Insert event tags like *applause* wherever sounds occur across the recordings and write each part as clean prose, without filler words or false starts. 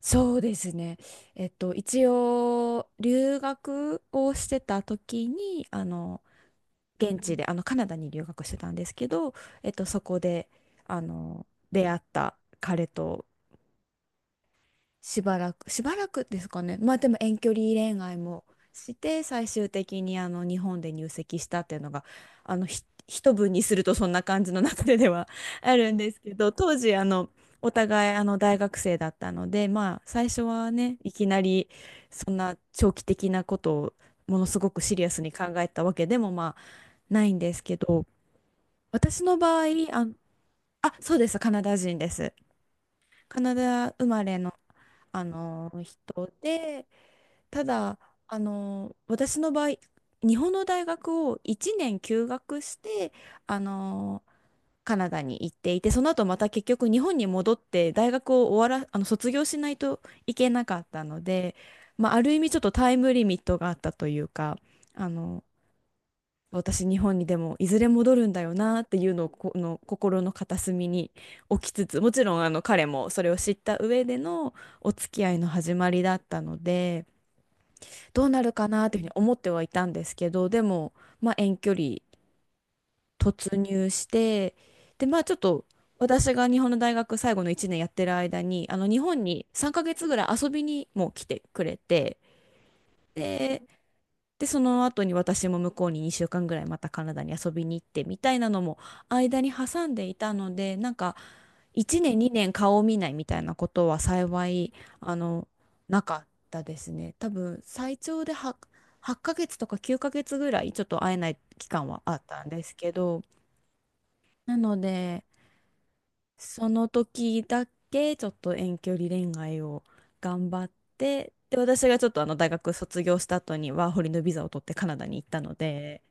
そうですね。一応、留学をしてた時に、現地で、カナダに留学してたんですけど、そこで、あの、出会った彼としばらくですかね。まあでも遠距離恋愛もして、最終的に日本で入籍したっていうのが、あのひ一文にするとそんな感じの中ででは *laughs* あるんですけど、当時お互い大学生だったので、まあ最初はね、いきなりそんな長期的なことをものすごくシリアスに考えたわけでもまあないんですけど、私の場合、あの、あ、そうです、カナダ人です。カナダ生まれの、あの人で、ただ、私の場合、日本の大学を1年休学して、あの、カナダに行っていて、その後また結局日本に戻って大学を終わら、あの、卒業しないといけなかったので、まあ、ある意味ちょっとタイムリミットがあったというか、あの、私日本にでもいずれ戻るんだよなっていうのをこの心の片隅に置きつつ、もちろん彼もそれを知った上でのお付き合いの始まりだったので、どうなるかなっていうふうに思ってはいたんですけど、でも、まあ、遠距離突入して、で、まあ、ちょっと私が日本の大学最後の1年やってる間に、日本に3ヶ月ぐらい遊びにも来てくれて、で、で、その後に私も向こうに2週間ぐらいまたカナダに遊びに行ってみたいなのも間に挟んでいたので、なんか1年2年顔を見ないみたいなことは幸いあのなかったですね。多分最長では 8ヶ月とか9ヶ月ぐらいちょっと会えない期間はあったんですけど、なのでその時だけちょっと遠距離恋愛を頑張って、で私がちょっと大学卒業した後にワーホリのビザを取ってカナダに行ったので、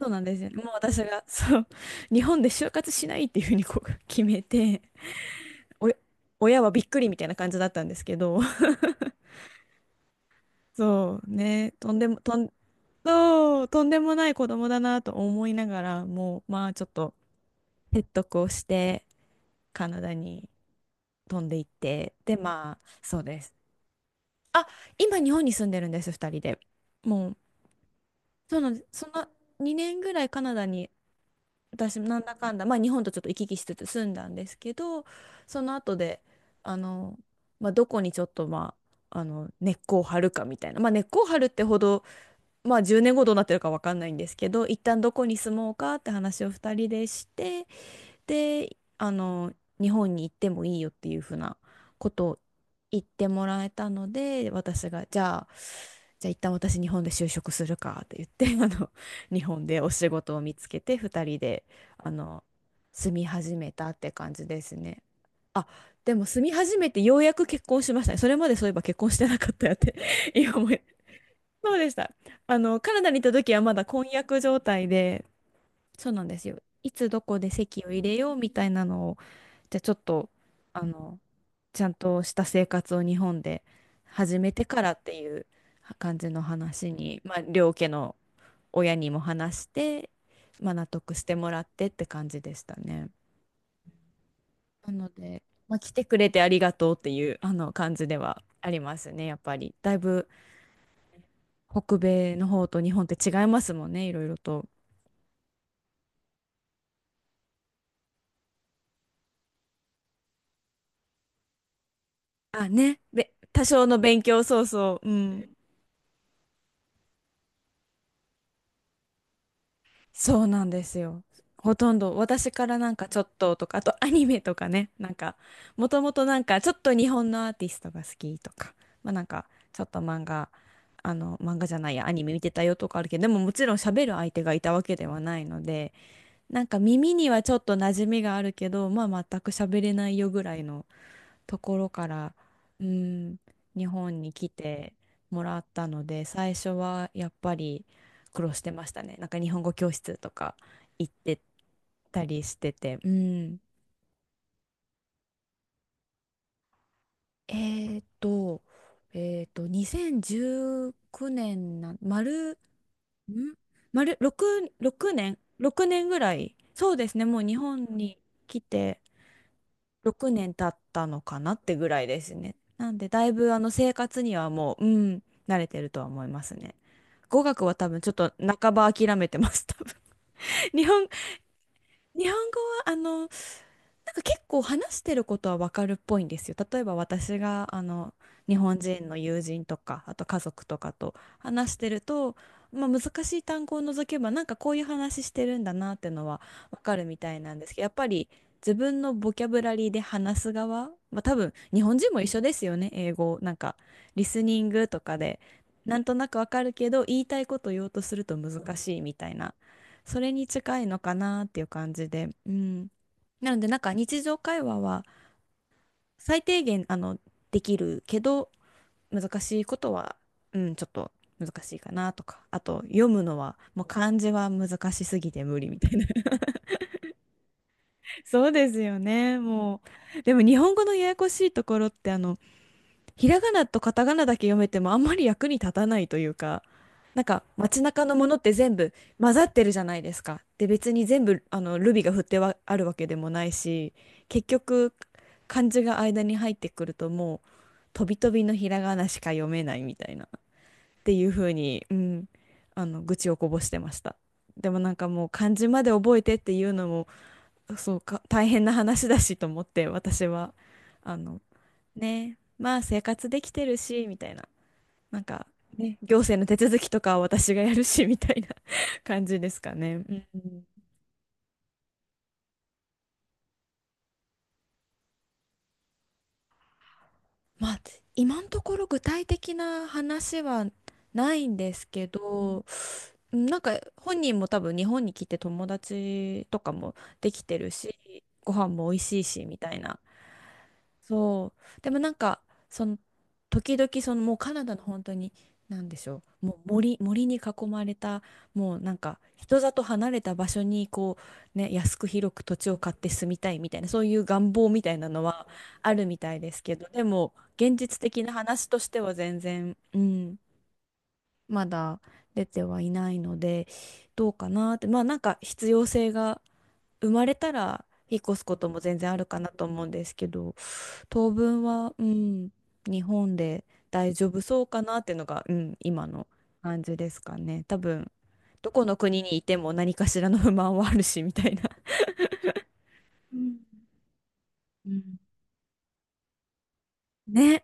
そうなんですよね。もう私がそう日本で就活しないっていうふうにこう決めて。お親はびっくりみたいな感じだったんですけど、*laughs* そうね、とんでも、とん、そう、とんでもない子供だなと思いながら、もう、まあちょっと説得をして、カナダに飛んでいって、で、まあ、そうです。あ、今日本に住んでるんです、二人で。もう、そうなんです。その2年ぐらいカナダに私もなんだかんだ、まあ、日本とちょっと行き来しつつ住んだんですけど、その後であの、まあ、どこにちょっと、まあ、根っこを張るかみたいな、まあ、根っこを張るってほど、まあ、10年後どうなってるか分かんないんですけど、一旦どこに住もうかって話を2人でして、で、日本に行ってもいいよっていうふうなことを言ってもらえたので、私が、じゃあ、一旦私日本で就職するかって言って、*laughs* 日本でお仕事を見つけて、二人で、あの、住み始めたって感じですね。あ、でも住み始めてようやく結婚しましたね。それまでそういえば結婚してなかったよって *laughs* 今思い、そうでした。カナダに行った時はまだ婚約状態で、そうなんですよ。いつどこで籍を入れようみたいなのを、じゃあちょっと、あの、ちゃんとした生活を日本で始めてからっていう感じの話に、まあ、両家の親にも話して、まあ、納得してもらってって感じでしたね。なので、まあ、来てくれてありがとうっていうあの感じではありますね、やっぱり。だいぶ北米の方と日本って違いますもんね、いろいろと。あ、ね、多少の勉強、そうそう、うん。そうなんですよ。ほとんど私からなんかちょっととか、あとアニメとかね、なんかもともとなんかちょっと日本のアーティストが好きとか、まあなんかちょっと漫画、あの漫画じゃないや、アニメ見てたよとかあるけど、でももちろん喋る相手がいたわけではないので、なんか耳にはちょっと馴染みがあるけど、まあ全く喋れないよぐらいのところから、うん、日本に来てもらったので、最初はやっぱり苦労してましたね。なんか日本語教室とか行ってたりしてて、うん。えーっと、2019年な、ん丸6、6年、6年ぐらい。そうですね、もう日本に来て、6年経ったのかなってぐらいですね。なんで、だいぶ生活にはもう、うん、慣れてるとは思いますね。語学は多分ちょっと半ば諦めてます、多分。*laughs* 日本日本語はなんか結構話してることはわかるっぽいんですよ。例えば私が日本人の友人とかあと家族とかと話してると、まあ、難しい単語を除けばなんかこういう話してるんだなってのはわかるみたいなんですけど、やっぱり自分のボキャブラリーで話す側、まあ、多分日本人も一緒ですよね、英語なんかリスニングとかでなんとなくわかるけど言いたいことを言おうとすると難しいみたいな。それに近いのかなっていう感じで、うん、なのでなんか日常会話は最低限できるけど難しいことは、うん、ちょっと難しいかなとか、あと読むのはもう漢字は難しすぎて無理みたいな *laughs* そうですよね、もうでも日本語のややこしいところってひらがなとカタカナだけ読めてもあんまり役に立たないというか、なんか街中のものって全部混ざってるじゃないですか。で、別に全部ルビが振ってはあるわけでもないし、結局漢字が間に入ってくるともう飛び飛びのひらがなしか読めないみたいなっていう風に、うん、愚痴をこぼしてました。でもなんかもう漢字まで覚えてっていうのもそうか大変な話だしと思って私はあのね、まあ生活できてるし、みたいな。なんか、ね。行政の手続きとかは私がやるし、みたいな *laughs* 感じですかね。うん、まあ、今のところ具体的な話はないんですけど、うん、なんか本人も多分日本に来て友達とかもできてるし、ご飯も美味しいし、みたいな。そう。でもなんか、その、時々、もうカナダの本当に、なんでしょう、もう森に囲まれた、もうなんか、人里離れた場所に、こう、ね、安く広く土地を買って住みたいみたいな、そういう願望みたいなのはあるみたいですけど、でも、現実的な話としては全然、うん、まだ出てはいないので、どうかなって、まあなんか、必要性が生まれたら、引っ越すことも全然あるかなと思うんですけど、当分は、うん、日本で大丈夫そうかなっていうのが、うん、今の感じですかね。多分、どこの国にいても何かしらの不満はあるし、みたいな。うんね。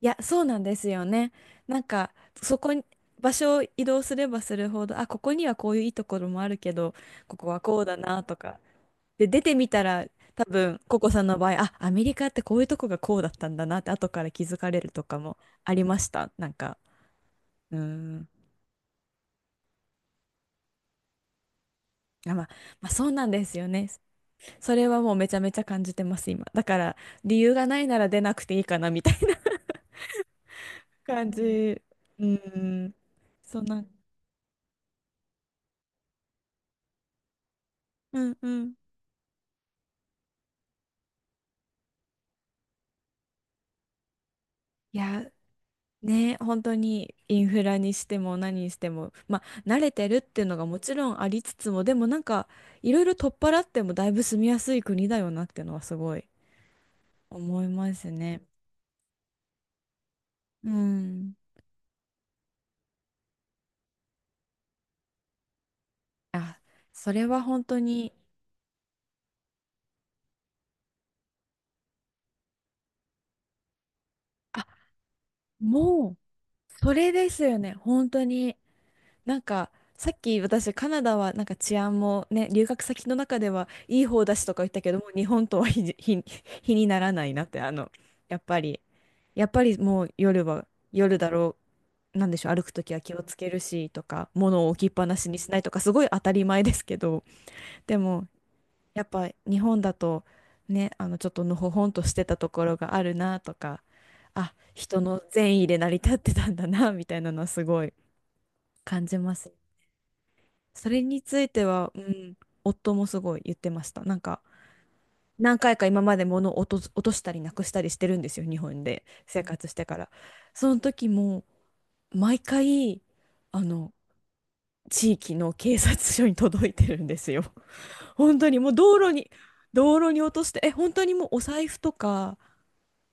いや、そうなんですよね。なんか、そこに、場所を移動すればするほど、あ、ここにはこういういいところもあるけど、ここはこうだなとか。で、出てみたら、多分、ココさんの場合、あ、アメリカってこういうとこがこうだったんだなって、後から気づかれるとかもありました。うん。あ、まあ、まあ、そうなんですよね。それはもうめちゃめちゃ感じてます、今。だから、理由がないなら出なくていいかな、みたいな *laughs* 感じ。うん。そんな、うんうん。いや、ね、本当にインフラにしても何にしても、まあ、慣れてるっていうのがもちろんありつつも、でもなんか、いろいろ取っ払ってもだいぶ住みやすい国だよなっていうのはすごい思いますね。うん。あ、それは本当に、あ、もう、それですよね、本当に。なんか、さっき私、カナダはなんか治安もね、留学先の中ではいい方だしとか言ったけども、日本とは*laughs* 比にならないなって、あの、やっぱり、やっぱりもう夜は夜だろう、なんでしょう、歩くときは気をつけるしとか、物を置きっぱなしにしないとか、すごい当たり前ですけど、でも、やっぱ日本だとね、あのちょっとのほほんとしてたところがあるなとか、あ、人の善意で成り立ってたんだなみたいなのはすごい感じます。それについては、うん、夫もすごい言ってました。なんか何回か今まで物を落としたりなくしたりしてるんですよ、日本で生活してから。その時も毎回あの地域の警察署に届いてるんですよ。本当にもう道路に落として、え、本当にもうお財布とか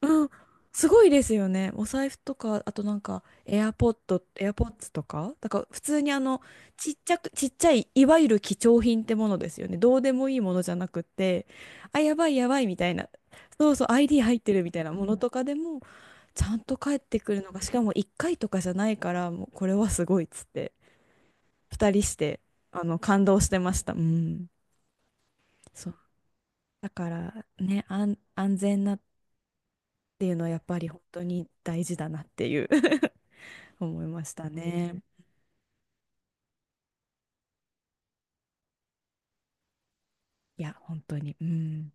うん、すごいですよね。お財布とか、あとなんか、エアポッド、エアポッツとか、だから普通にあの、ちっちゃい、いわゆる貴重品ってものですよね。どうでもいいものじゃなくって、あ、やばいやばいみたいな、そうそう、ID 入ってるみたいなものとかでも、ちゃんと返ってくるのが、しかも1回とかじゃないから、もうこれはすごいっつって、2人して、あの、感動してました。うん。そう。だからね、安全なっていうのはやっぱり本当に大事だなっていう。思いましたね。いや、本当に。うん。